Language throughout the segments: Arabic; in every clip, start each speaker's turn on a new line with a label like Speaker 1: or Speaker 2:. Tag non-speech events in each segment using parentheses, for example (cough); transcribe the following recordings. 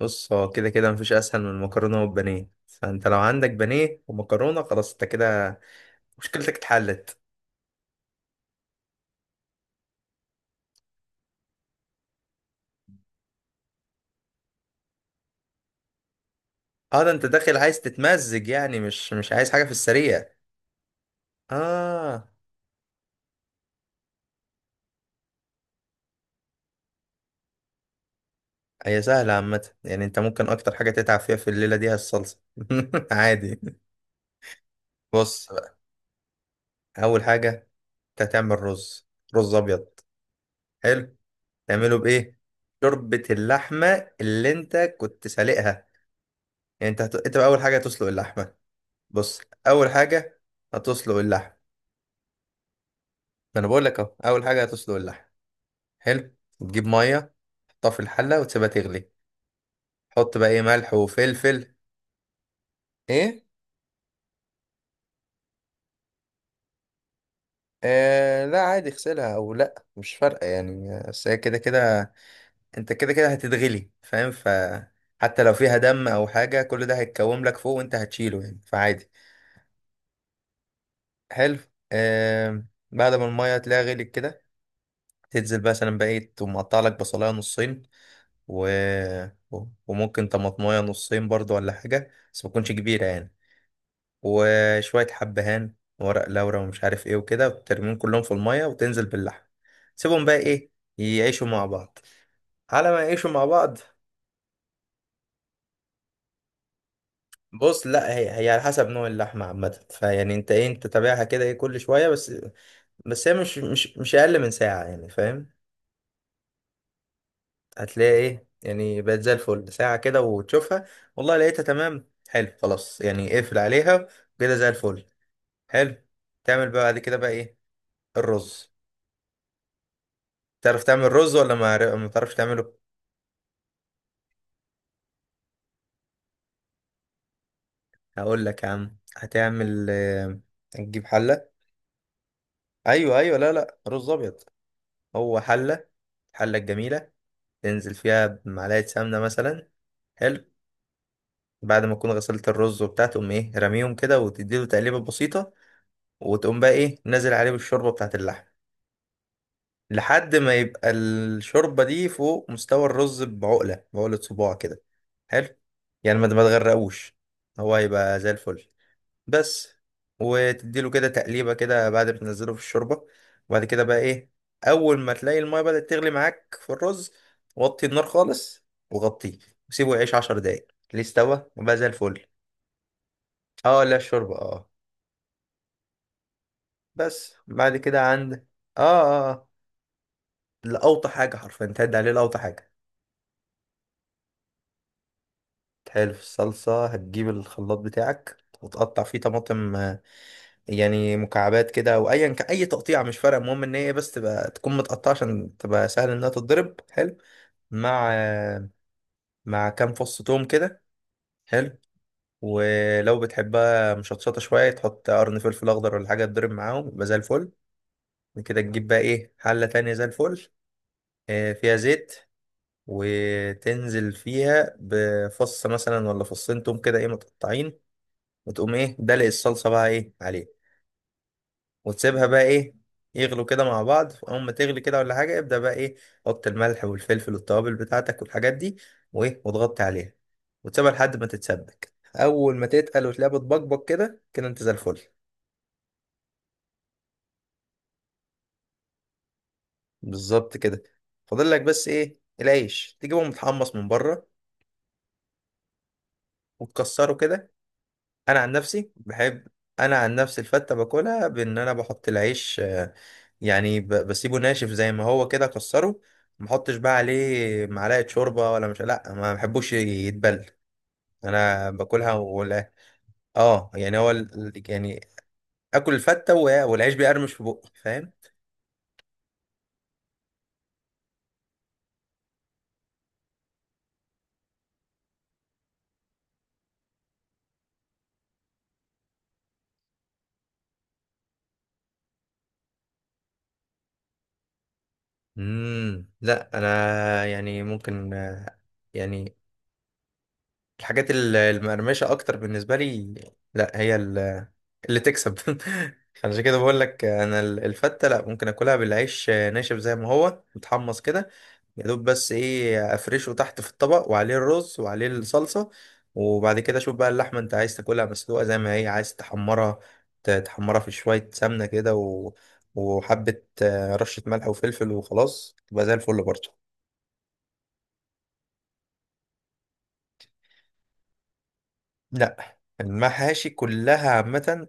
Speaker 1: بص، هو كده كده مفيش اسهل من المكرونه والبانيه. فانت لو عندك بانيه ومكرونه، خلاص انت كده مشكلتك اتحلت. اه، ده انت داخل عايز تتمزج يعني، مش عايز حاجه في السريع. اه، هي سهله عامه. يعني انت ممكن اكتر حاجه تتعب فيها في الليله دي هي الصلصه. (laughs) عادي. بص بقى، اول حاجه انت هتعمل رز. رز ابيض. حلو. تعمله بايه؟ شوربه اللحمه اللي انت كنت سالقها. يعني انت بقى اول حاجه هتسلق اللحمه. بص، اول حاجه هتسلق اللحمه. ما انا بقول لك اهو، اول حاجه هتسلق اللحم. حلو. تجيب ميه، تحطها في الحله وتسيبها تغلي. حط بقى ايه ملح وفلفل. ايه؟ آه، لا عادي، اغسلها او لا مش فارقه يعني. بس هي كده كده، انت كده كده هتتغلي، فاهم، حتى لو فيها دم او حاجه كل ده هيتكوم لك فوق وانت هتشيله يعني، فعادي. حلو. آه. بعد ما الميه تلاقيها غليت كده، تنزل مثلا بقى ايه، تقوم مقطع لك بصلايه نصين، و... وممكن طماطمايه نصين برضو ولا حاجه، بس ما تكونش كبيره يعني. وشوية حبهان، ورق لورا ومش عارف ايه وكده، وترميهم كلهم في المية وتنزل باللحم. سيبهم بقى ايه يعيشوا مع بعض، على ما يعيشوا مع بعض. بص، لا، هي هي على حسب نوع اللحمة عامة. فيعني انت ايه، انت تابعها كده ايه كل شوية بس. بس هي مش أقل من ساعة يعني، فاهم؟ هتلاقي ايه، يعني بقت زي الفل. ساعة كده وتشوفها، والله لقيتها تمام، حلو خلاص يعني اقفل عليها كده زي الفل. حلو. تعمل بقى بعد كده بقى ايه؟ الرز. تعرف تعمل رز ولا ما تعرفش تعمله؟ هقول لك يا عم، هتعمل هتجيب حله. ايوه، ايوه، لا، لا، رز ابيض. هو حله، الحله الجميله. تنزل فيها بمعلقه سمنه مثلا. حلو. بعد ما تكون غسلت الرز وبتاع، تقوم ايه رميهم كده وتديله تقليبه بسيطه. وتقوم بقى ايه نازل عليه بالشوربه بتاعت اللحم. لحد ما يبقى الشوربه دي فوق مستوى الرز بعقله، بعقله صباع كده. حلو. يعني ما ما تغرقوش، هو هيبقى زي الفل بس. وتديله كده تقليبة كده بعد ما تنزله في الشوربة. وبعد كده بقى ايه، أول ما تلاقي المية بدأت تغلي معاك في الرز، وطي النار خالص وغطيه، وسيبه يعيش 10 دقايق. ليه؟ استوى وبقى زي الفل. اه لا، الشوربة، اه. بس بعد كده عند. اه، اه، آه. لأوطى حاجة حرفيا، تهد عليه لأوطى حاجة. تحلو في الصلصة، هتجيب الخلاط بتاعك وتقطع فيه طماطم. يعني مكعبات كده او اي تقطيع مش فارق، المهم ان هي بس تبقى تكون متقطعه عشان تبقى سهل انها تتضرب. حلو، مع مع كام فص توم كده. حلو. ولو بتحبها مشطشطه شويه، تحط قرن فلفل اخضر ولا حاجه تضرب معاهم، يبقى زي الفل. بعد كده تجيب بقى ايه حله تانية زي الفل، فيها زيت. وتنزل فيها بفص مثلا ولا فصين توم كده ايه متقطعين، وتقوم ايه دلق الصلصه بقى ايه عليه. وتسيبها بقى ايه يغلوا كده مع بعض. اول ما تغلي كده ولا حاجه ابدا بقى ايه، حط الملح والفلفل والتوابل بتاعتك والحاجات دي، وايه، وتغطي عليها. وتسيبها لحد ما تتسبك، اول ما تتقل وتلاقيها بتبقبق كده كده، انت زي الفل. بالظبط كده. فاضل لك بس ايه، العيش تجيبه متحمص من بره وتكسره كده. انا عن نفسي بحب. انا عن نفسي الفته باكلها بان انا بحط العيش يعني، بسيبه ناشف زي ما هو كده اكسره. ما احطش بقى عليه معلقه شوربه ولا، مش، لا، ما بحبوش يتبل. انا باكلها ولا. اه يعني هو يعني، اكل الفته والعيش بيقرمش في بقي، فاهم؟ لا انا يعني ممكن، يعني الحاجات المقرمشه اكتر بالنسبه لي. لا هي اللي تكسب. (laughs) عشان كده بقول لك انا الفته، لا ممكن اكلها بالعيش ناشف زي ما هو متحمص كده. يا دوب بس ايه، افرشه تحت في الطبق وعليه الرز وعليه الصلصة. وبعد كده شوف بقى اللحمة، انت عايز تاكلها مسلوقة زي ما هي عايز تحمرها. تحمرها في شوية سمنة كده و... وحبة رشة ملح وفلفل وخلاص تبقى زي الفل برضه. لا، المحاشي كلها عامة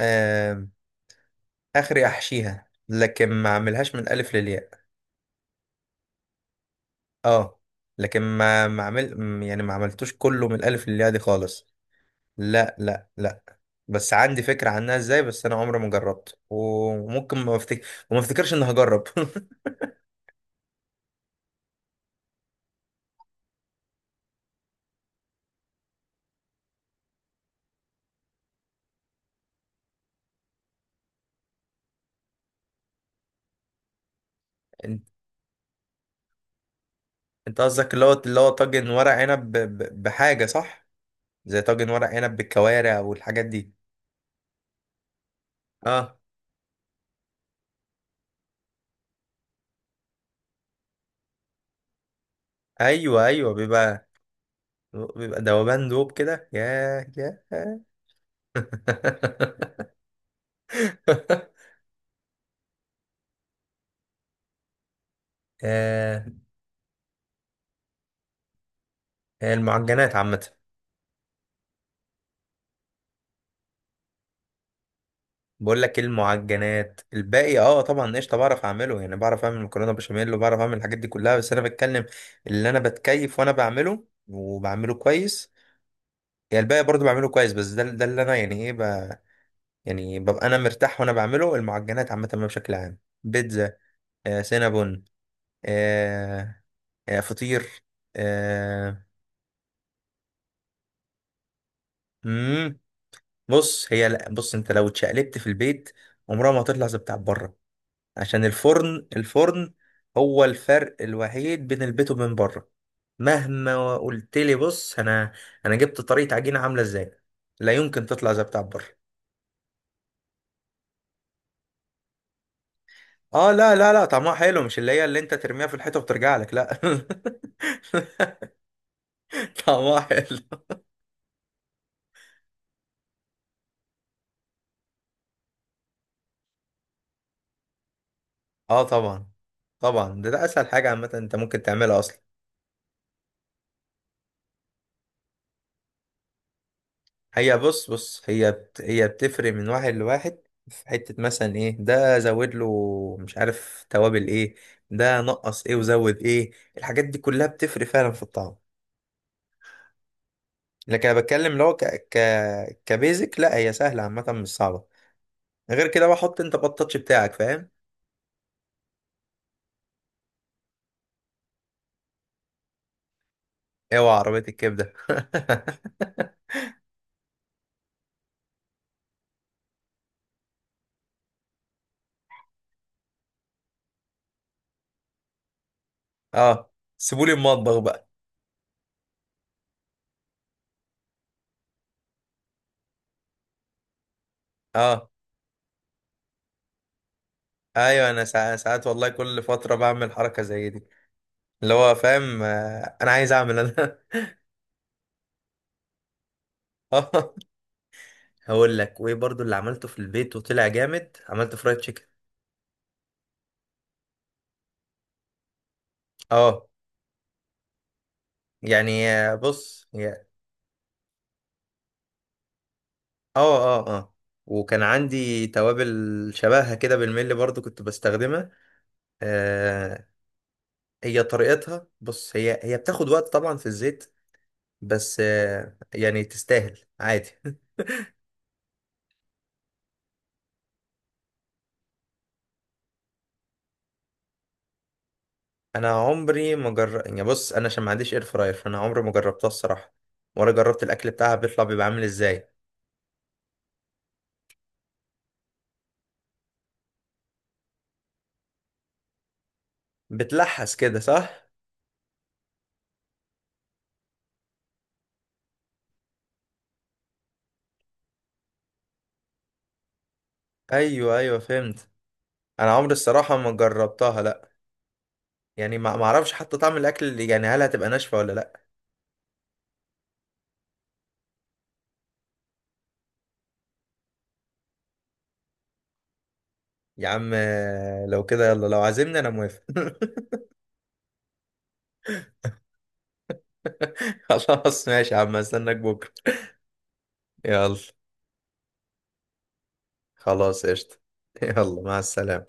Speaker 1: آه، اخري احشيها لكن ما اعملهاش من الالف للياء. اه لكن ما ما عمل م- يعني ما عملتوش كله من الالف للياء دي خالص. لا، لا، لا، بس عندي فكرة عنها ازاي. بس انا عمري ما جربت، وممكن ما افتكر وما افتكرش اني هجرب. (laughs) انت أنت قصدك اللي هو طاجن ورق عنب بحاجة، صح؟ زي طاجن ورق عنب بالكوارع والحاجات دي. اه، ايوه، ايوه، بيبقى دوبان دوب كده. ياه، ياه. (laughs) ياه، المعجنات عامة. بقول لك إيه، المعجنات الباقي، اه طبعا قشطه بعرف اعمله. يعني بعرف اعمل مكرونه بشاميل وبعرف اعمل الحاجات دي كلها، بس انا بتكلم اللي انا بتكيف وانا بعمله وبعمله كويس. يعني الباقي برضو بعمله كويس، بس ده اللي انا يعني ايه، ب... يعني ببقى انا مرتاح وانا بعمله. المعجنات عامه بقى بشكل عام. بيتزا، سينابون، آه فطير، آه مم. بص، هي لا. بص انت لو اتشقلبت في البيت، عمرها ما هتطلع زي بتاع بره. عشان الفرن، الفرن هو الفرق الوحيد بين البيت وبين بره. مهما قلت لي بص، انا جبت طريقة عجينة عاملة ازاي، لا يمكن تطلع زي بتاع بره. اه، لا، لا، لا، طعمها حلو، مش اللي انت ترميها في الحيطة وترجع لك، لا. (laughs) طعمها حلو. اه، طبعا، طبعا، ده اسهل حاجة عامة انت ممكن تعملها اصلا. هي بص بص، هي بتفرق من واحد لواحد. في حتة مثلا ايه، ده زود له مش عارف توابل ايه، ده نقص ايه وزود ايه. الحاجات دي كلها بتفرق فعلا في الطعم. لكن انا بتكلم لو ك... كبيزك، لا هي سهلة عامة مش صعبة. غير كده بقى حط انت بطاتش بتاعك، فاهم؟ اوعى عربية الكبدة. (laughs) اه، سيبولي المطبخ بقى. اه، ايوه، انا ساعات, ساعات والله كل فترة بعمل حركة زي دي. اللي هو، فاهم، انا عايز اعمل انا. (laughs) هقول لك وايه برضو اللي عملته في البيت وطلع جامد، عملته فرايد تشيكن. اه، يعني بص اه، اه، اه، وكان عندي توابل شبهها كده بالملي برضو كنت بستخدمها آه هي طريقتها بص، هي هي بتاخد وقت طبعا في الزيت. بس يعني تستاهل عادي. (laughs) انا عمري ما جر... يعني بص، انا عشان ما عنديش اير فراير فانا عمري ما جربتها الصراحة. ولا جربت الاكل بتاعها بيطلع بيبقى عامل ازاي. بتلحس كده، صح؟ ايوه، ايوه، فهمت. انا عمري الصراحه ما جربتها، لا. يعني ما ما اعرفش حتى طعم الاكل اللي يعني، هل هتبقى ناشفه ولا لا. يا عم لو كده يلا، لو عازمني انا موافق. (laughs) خلاص ماشي يا عم، استناك بكره. يلا، خلاص، قشطه. (laughs) يلا، مع السلامه.